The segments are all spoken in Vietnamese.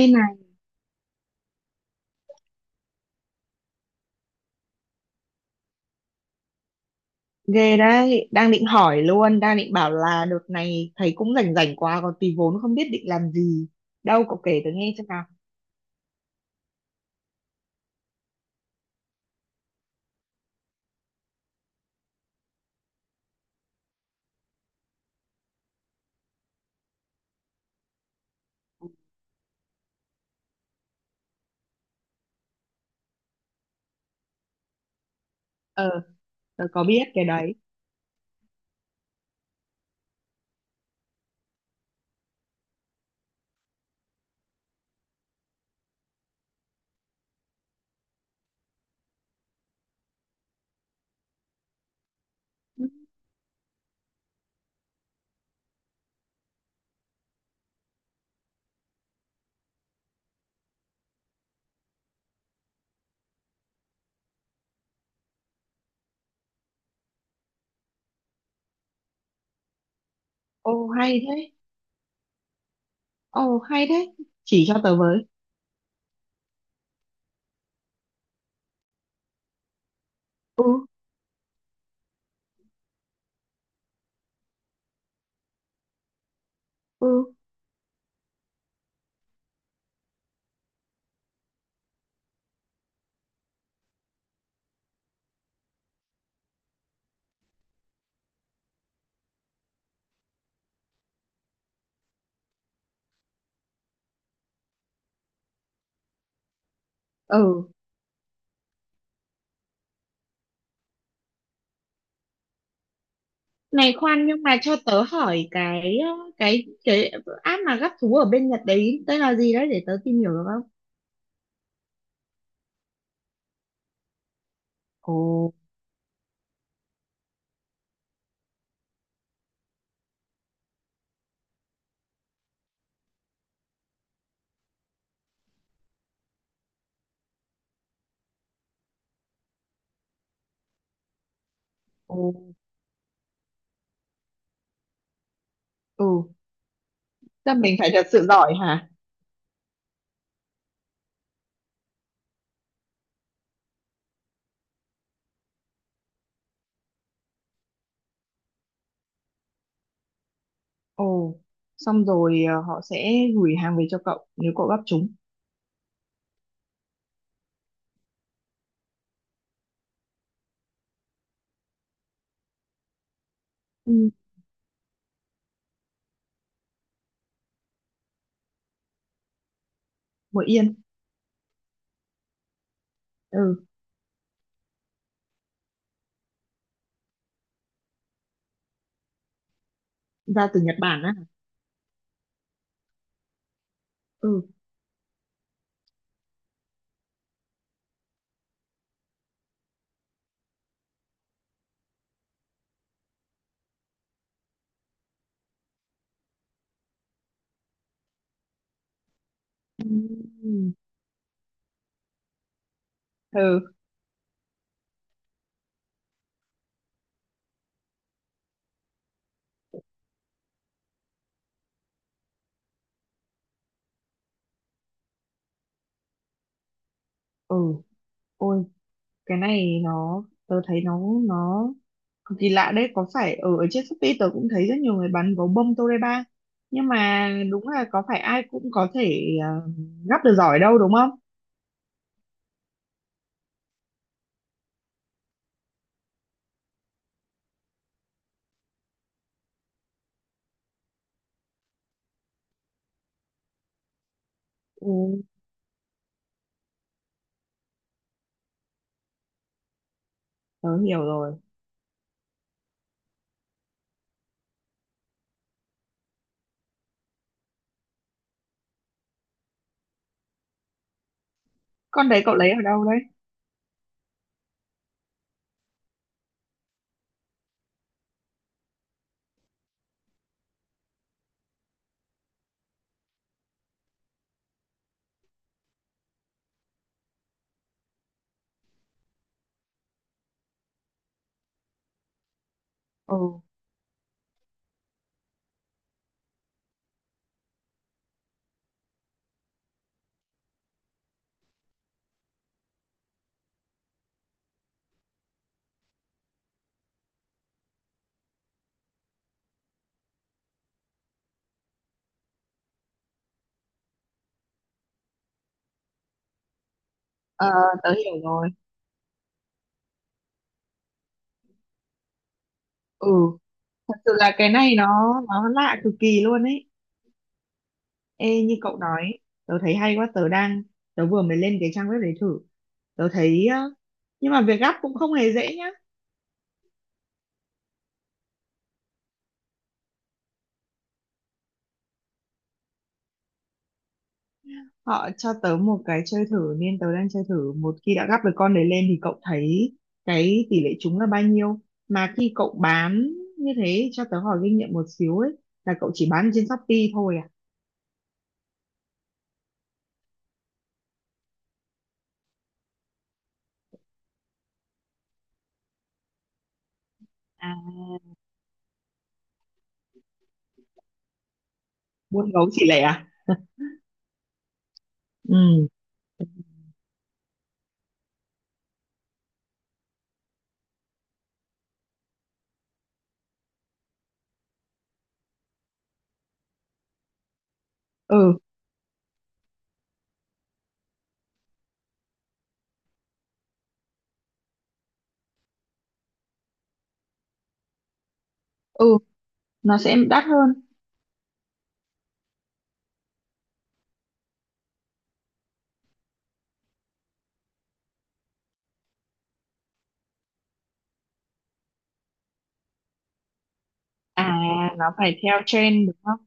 Ê này, ghê đấy, đang định hỏi luôn, đang định bảo là đợt này thấy cũng rảnh rảnh quá, còn tí vốn không biết định làm gì. Đâu, cậu kể tớ nghe xem nào. Ờ, tớ có biết cái đấy. Ừ. Ồ, hay thế. Ồ, hay thế. Chỉ cho tớ với. Ừ, ừ, ừ. Này khoan, nhưng mà cho tớ hỏi cái ờ, cái app mà gắp thú ở bên Nhật đấy tên là gì đấy để tớ tìm hiểu được không? Ồ. Ồ. Ừ. Chắc mình phải thật sự giỏi hả? Ồ, xong rồi, họ sẽ gửi hàng về cho cậu nếu cậu gắp chúng. Ừ. Mười yên. Ừ, ra từ Nhật Bản á. Ừ. Ừm. Ừ. Ừ. Ôi, cái này nó, tớ thấy nó cực kỳ lạ đấy. Có phải ở trên Shopee tớ cũng thấy rất nhiều người bán gấu bông Toreba. Nhưng mà đúng là có phải ai cũng có thể gắp được giỏi đâu đúng không? Ừ. Tớ hiểu rồi. Con đấy cậu lấy ở đâu đấy? Ừ. Ờ, tớ hiểu rồi. Ừ, thật sự là cái này nó lạ cực kỳ luôn ấy. Ê, như cậu nói tớ thấy hay quá, tớ đang, tớ vừa mới lên cái trang web đấy thử. Tớ thấy nhưng mà việc gắp cũng không hề dễ nhá. Họ cho tớ một cái chơi thử nên tớ đang chơi thử. Một khi đã gắp được con đấy lên thì cậu thấy cái tỷ lệ trúng là bao nhiêu mà khi cậu bán như thế? Cho tớ hỏi kinh nghiệm một xíu ấy, là cậu chỉ bán trên Shopee thôi à? À, buôn gấu chỉ lẻ à? Ừ. Ừ. Ừ. Nó sẽ đắt hơn. À, nó phải theo trend đúng không?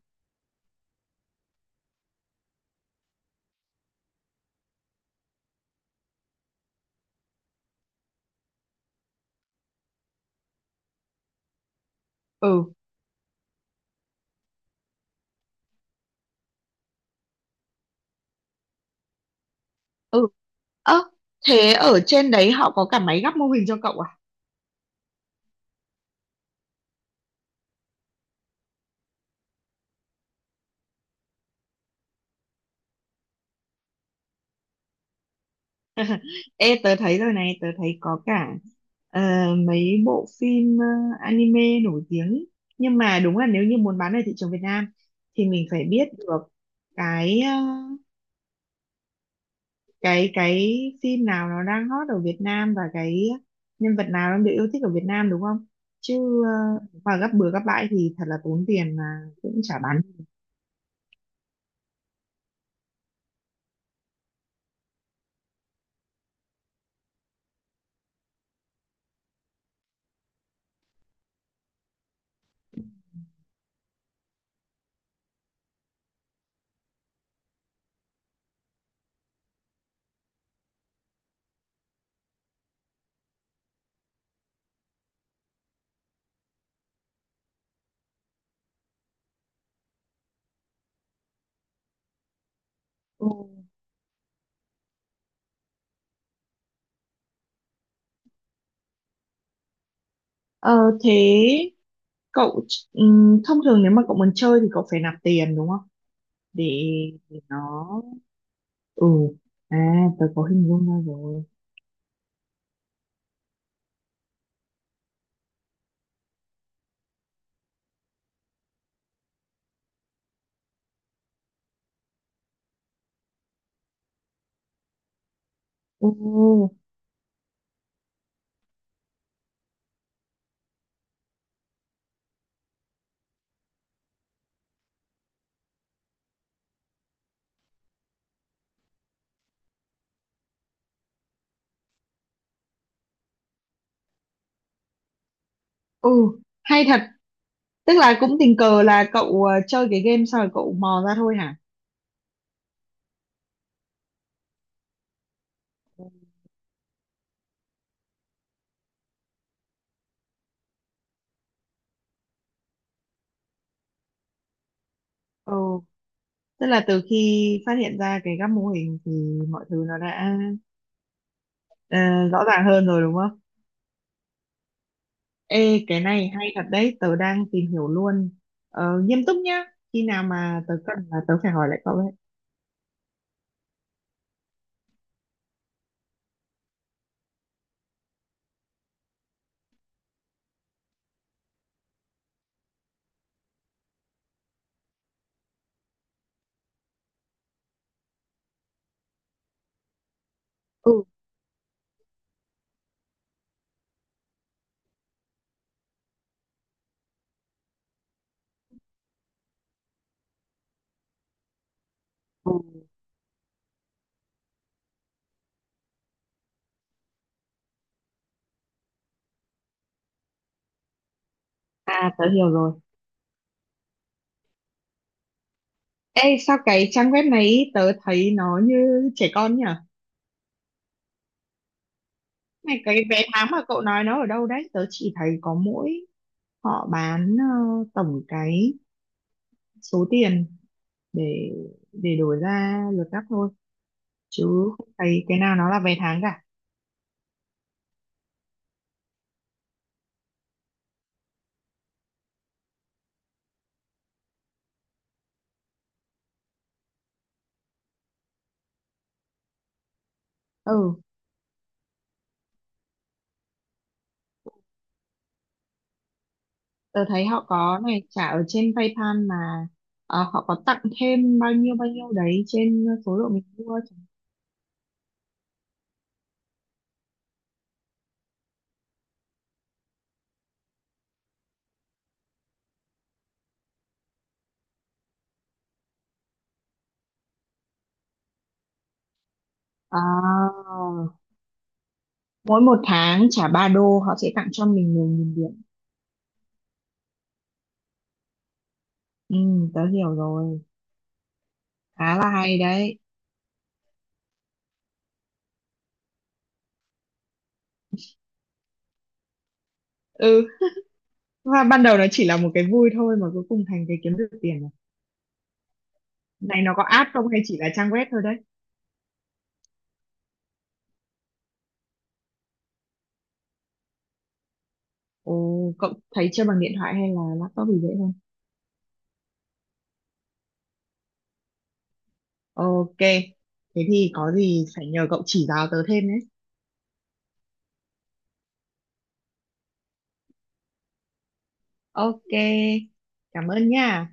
Ừ. Ừ. Ơ, thế ở trên đấy họ có cả máy gắp mô hình cho cậu à? Ê, tớ thấy rồi này, tớ thấy có cả ờ, mấy bộ phim, anime nổi tiếng. Nhưng mà đúng là nếu như muốn bán ở thị trường Việt Nam thì mình phải biết được cái ờ, cái phim nào nó đang hot ở Việt Nam và cái nhân vật nào đang được yêu thích ở Việt Nam đúng không? Chứ mà gấp bừa gấp bãi thì thật là tốn tiền mà cũng chả bán. Ừ. Ờ, thế cậu, thông thường nếu mà cậu muốn chơi thì cậu phải nạp tiền đúng không? Để, để nó, ừ, à, tớ có hình dung ra rồi. Ừ. Ừ, hay thật. Tức là cũng tình cờ là cậu chơi cái game xong rồi cậu mò ra thôi hả? Ừ, tức là từ khi phát hiện ra cái các mô hình thì mọi thứ nó đã ờ, rõ ràng hơn rồi đúng không? Ê, cái này hay thật đấy, tớ đang tìm hiểu luôn. Ờ, nghiêm túc nhá. Khi nào mà tớ cần là tớ phải hỏi lại cậu đấy. Ừ. Ừ. À, tớ hiểu rồi. Ê, sao cái trang web này tớ thấy nó như trẻ con nhỉ? Này, cái vé tháng mà cậu nói nó ở đâu đấy? Tớ chỉ thấy có mỗi họ bán tổng cái số tiền để để đổi ra lượt cắt thôi, chứ không thấy cái nào nó là vé tháng cả. Ừ, tớ thấy họ có này, trả ở trên PayPal mà họ có tặng thêm bao nhiêu đấy trên số lượng mình mua. À, mỗi một tháng trả 3 đô họ sẽ tặng cho mình 10 nghìn điểm. Ừ, tớ hiểu rồi, khá là hay đấy. Ừ, và ban đầu nó chỉ là một cái vui thôi mà cuối cùng thành cái kiếm được tiền rồi. Này, nó có app không hay chỉ là trang web thôi đấy? Ồ, cậu thấy chơi bằng điện thoại hay là laptop thì dễ hơn? Ok. Thế thì có gì phải nhờ cậu chỉ giáo tớ thêm đấy. Ok, cảm ơn nha.